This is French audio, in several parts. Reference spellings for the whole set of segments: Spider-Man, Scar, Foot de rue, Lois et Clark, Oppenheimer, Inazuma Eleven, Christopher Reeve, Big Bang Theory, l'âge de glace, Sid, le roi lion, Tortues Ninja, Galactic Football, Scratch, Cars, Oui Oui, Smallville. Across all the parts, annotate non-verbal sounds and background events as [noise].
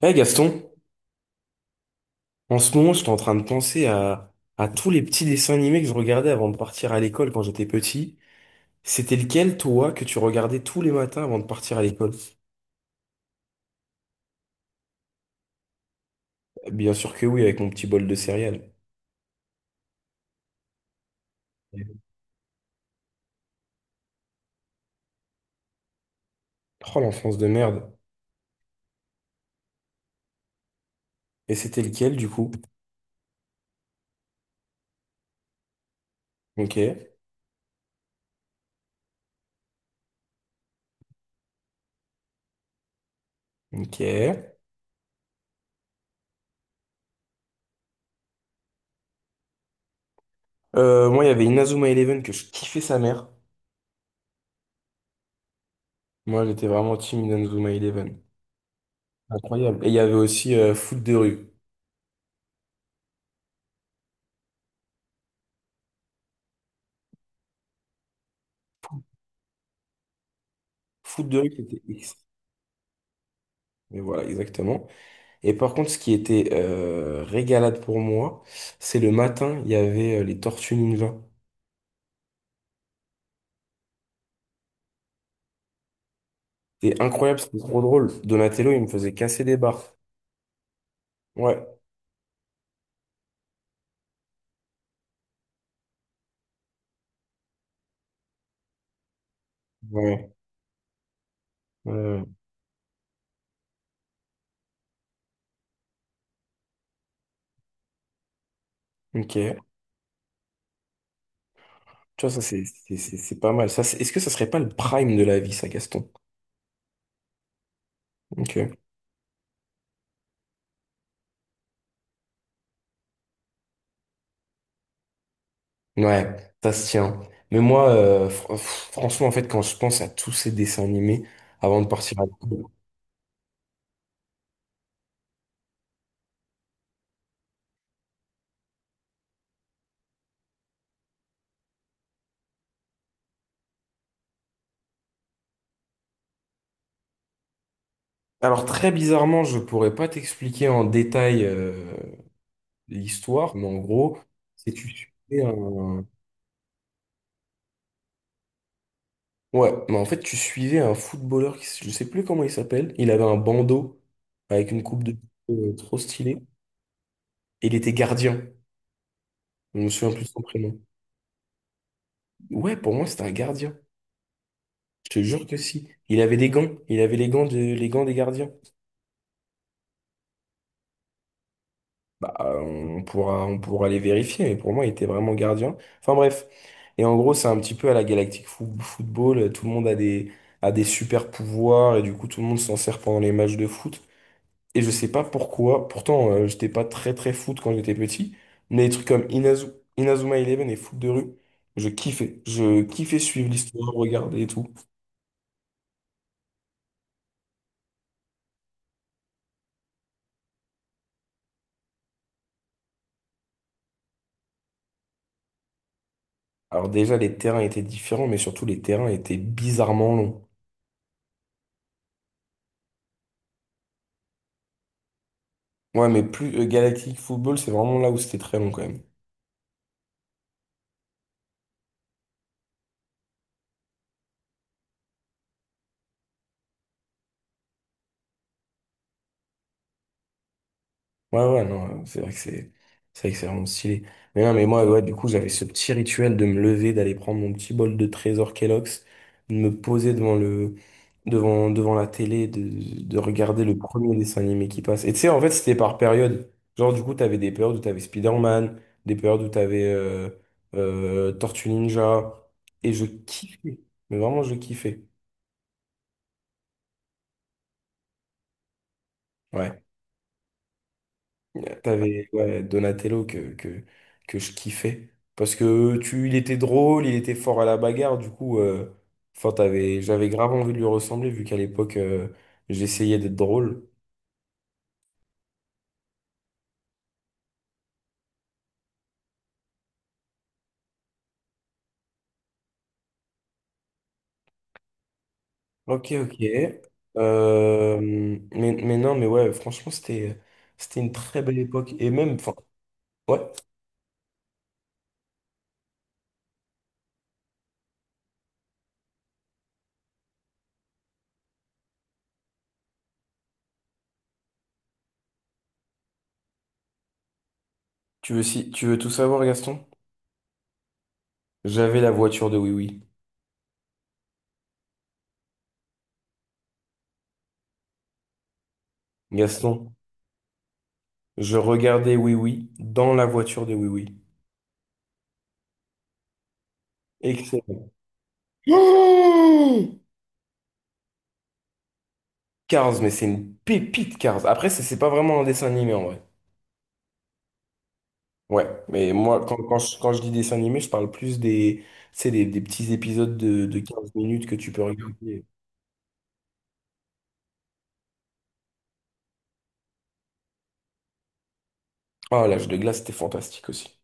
Eh Gaston, en ce moment, j'étais en train de penser à tous les petits dessins animés que je regardais avant de partir à l'école quand j'étais petit. C'était lequel, toi, que tu regardais tous les matins avant de partir à l'école? Bien sûr que oui, avec mon petit bol de céréales. Oh, l'enfance de merde. Et c'était lequel, du coup? Ok, ok. Moi, il y avait Inazuma Eleven que je kiffais sa mère. Moi, j'étais vraiment team Inazuma Eleven. Incroyable. Et il y avait aussi Foot de rue. Foot de rue, c'était X. Mais voilà, exactement. Et par contre, ce qui était régalade pour moi, c'est le matin, il y avait les Tortues Ninja. C'était incroyable, c'était trop drôle. Donatello, il me faisait casser des barres. Ouais, ouais, ouais, ouais. Ok. Tu vois, ça, c'est pas mal. Est-ce que ça serait pas le prime de la vie, ça, Gaston? Ok. Ouais, ça se tient. Mais moi, franchement, en fait, quand je pense à tous ces dessins animés avant de partir à l'école, alors très bizarrement, je pourrais pas t'expliquer en détail, l'histoire, mais en gros, c'est tu suivais un... Ouais, mais en fait, tu suivais un footballeur, qui, je sais plus comment il s'appelle, il avait un bandeau avec une coupe de... trop stylée, et il était gardien, je me souviens plus de son prénom. Ouais, pour moi, c'était un gardien, je te jure que si. Il avait des gants, il avait les gants, de... les gants des gardiens. Bah, on pourra les vérifier, mais pour moi, il était vraiment gardien. Enfin bref. Et en gros, c'est un petit peu à la Galactic Football. Tout le monde a des super pouvoirs et du coup, tout le monde s'en sert pendant les matchs de foot. Et je sais pas pourquoi. Pourtant, j'étais pas très très foot quand j'étais petit. Mais des trucs comme Inazuma Eleven et foot de rue, je kiffais. Je kiffais suivre l'histoire, regarder et tout. Alors déjà, les terrains étaient différents, mais surtout, les terrains étaient bizarrement longs. Ouais, mais plus Galactic Football, c'est vraiment là où c'était très long quand même. Ouais, ouais, non, c'est vrai que c'est vrai que c'est vraiment stylé. Mais non, mais moi, ouais, du coup, j'avais ce petit rituel de me lever, d'aller prendre mon petit bol de trésor Kellogg's, de me poser devant devant la télé, de regarder le premier dessin animé qui passe. Et tu sais, en fait, c'était par période. Genre, du coup, t'avais des périodes où t'avais Spider-Man, des périodes où t'avais Tortue Ninja, et je kiffais. Mais vraiment, je kiffais. Ouais. T'avais ouais, Donatello que je kiffais. Parce que il était drôle, il était fort à la bagarre, du coup, j'avais grave envie de lui ressembler, vu qu'à l'époque, j'essayais d'être drôle. Ok, ok. Euh, mais non, mais ouais, franchement, c'était une très belle époque. Et même, enfin, ouais, tu veux, si, tu veux tout savoir, Gaston? J'avais la voiture de Oui Oui. Gaston, je regardais Oui Oui dans la voiture de Oui Oui. Excellent. [gasps] Cars, mais c'est une pépite Cars. Après, c'est pas vraiment un dessin animé en vrai. Ouais, mais moi, quand je dis dessin animé, je parle plus des, tu sais, des petits épisodes de 15 minutes que tu peux regarder. Ah, l'âge de glace, c'était fantastique aussi.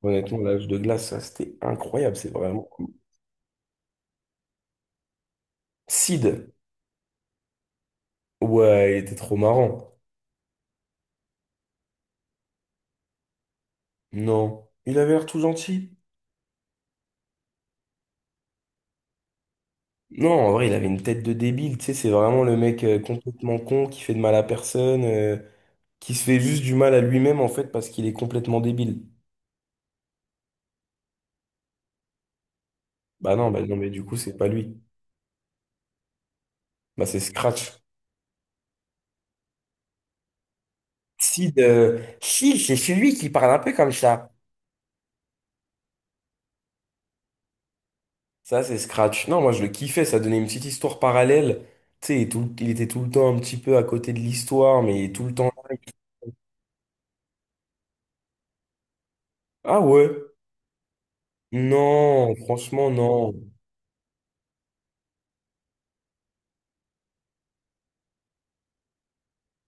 Honnêtement, l'âge de glace, ça, c'était incroyable. C'est vraiment cool. Sid, ouais, il était trop marrant. Non, il avait l'air tout gentil. Non, en vrai, il avait une tête de débile. Tu sais, c'est vraiment le mec complètement con qui fait de mal à personne, qui se fait juste du mal à lui-même en fait parce qu'il est complètement débile. Bah non, mais du coup, c'est pas lui. Bah c'est Scratch. Si, c'est celui qui parle un peu comme ça. Ça, c'est Scratch. Non, moi, je le kiffais. Ça donnait une petite histoire parallèle. Tu sais, il était tout le temps un petit peu à côté de l'histoire, mais il est tout le temps là. Ah ouais? Non, franchement, non.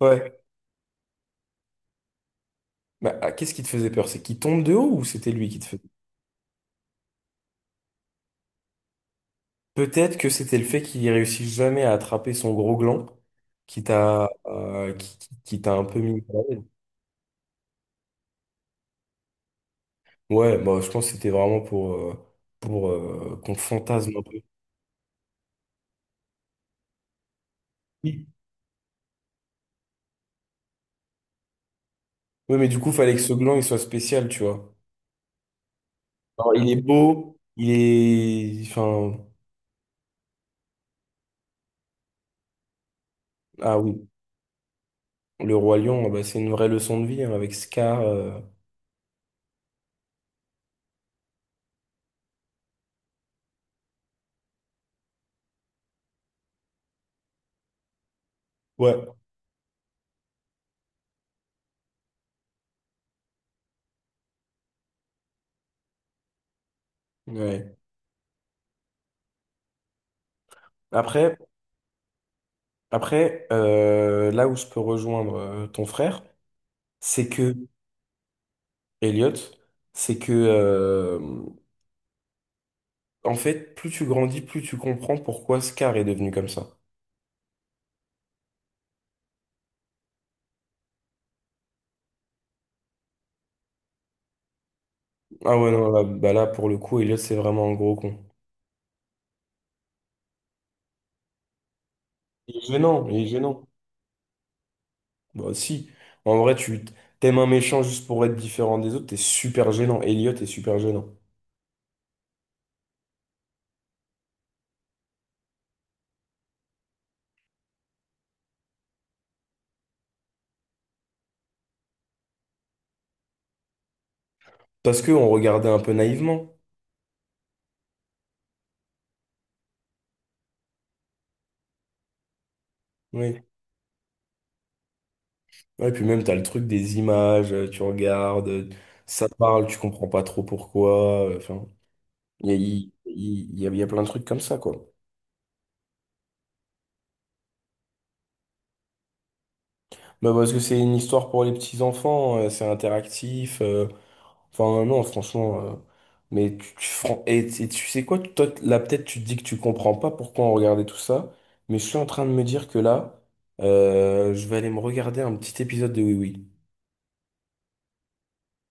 Ouais. Bah, ah, qu'est-ce qui te faisait peur? C'est qu'il tombe de haut ou c'était lui qui te faisait Peut-être que c'était le fait qu'il réussisse jamais à attraper son gros gland qui t'a qui t'a un peu mis mal à l'aise. Ouais, bah, je pense que c'était vraiment pour qu'on fantasme un peu. Oui, ouais, mais du coup, fallait que ce gland il soit spécial, tu vois. Alors, il est beau, il est. Enfin, ah oui, le roi lion, ah bah, c'est une vraie leçon de vie hein, avec Scar, ouais, ouais. Après, après là où je peux rejoindre ton frère, c'est que, Elliot, c'est que, en fait, plus tu grandis, plus tu comprends pourquoi Scar est devenu comme ça. Ah ouais, non, là, bah là, pour le coup, Elliot, c'est vraiment un gros con. Il est gênant, il est gênant. Bah si, en vrai, tu t'aimes un méchant juste pour être différent des autres, t'es super gênant. Elliot est super gênant. Parce que on regardait un peu naïvement. Oui. Ouais, puis même, t'as le truc des images, tu regardes, ça parle, tu comprends pas trop pourquoi, enfin, il y a plein de trucs comme ça, quoi. Bah parce que c'est une histoire pour les petits-enfants, c'est interactif. Enfin, non, franchement, mais et tu sais quoi, toi, là, peut-être tu te dis que tu comprends pas pourquoi on regardait tout ça, mais je suis en train de me dire que là, je vais aller me regarder un petit épisode de Oui Oui.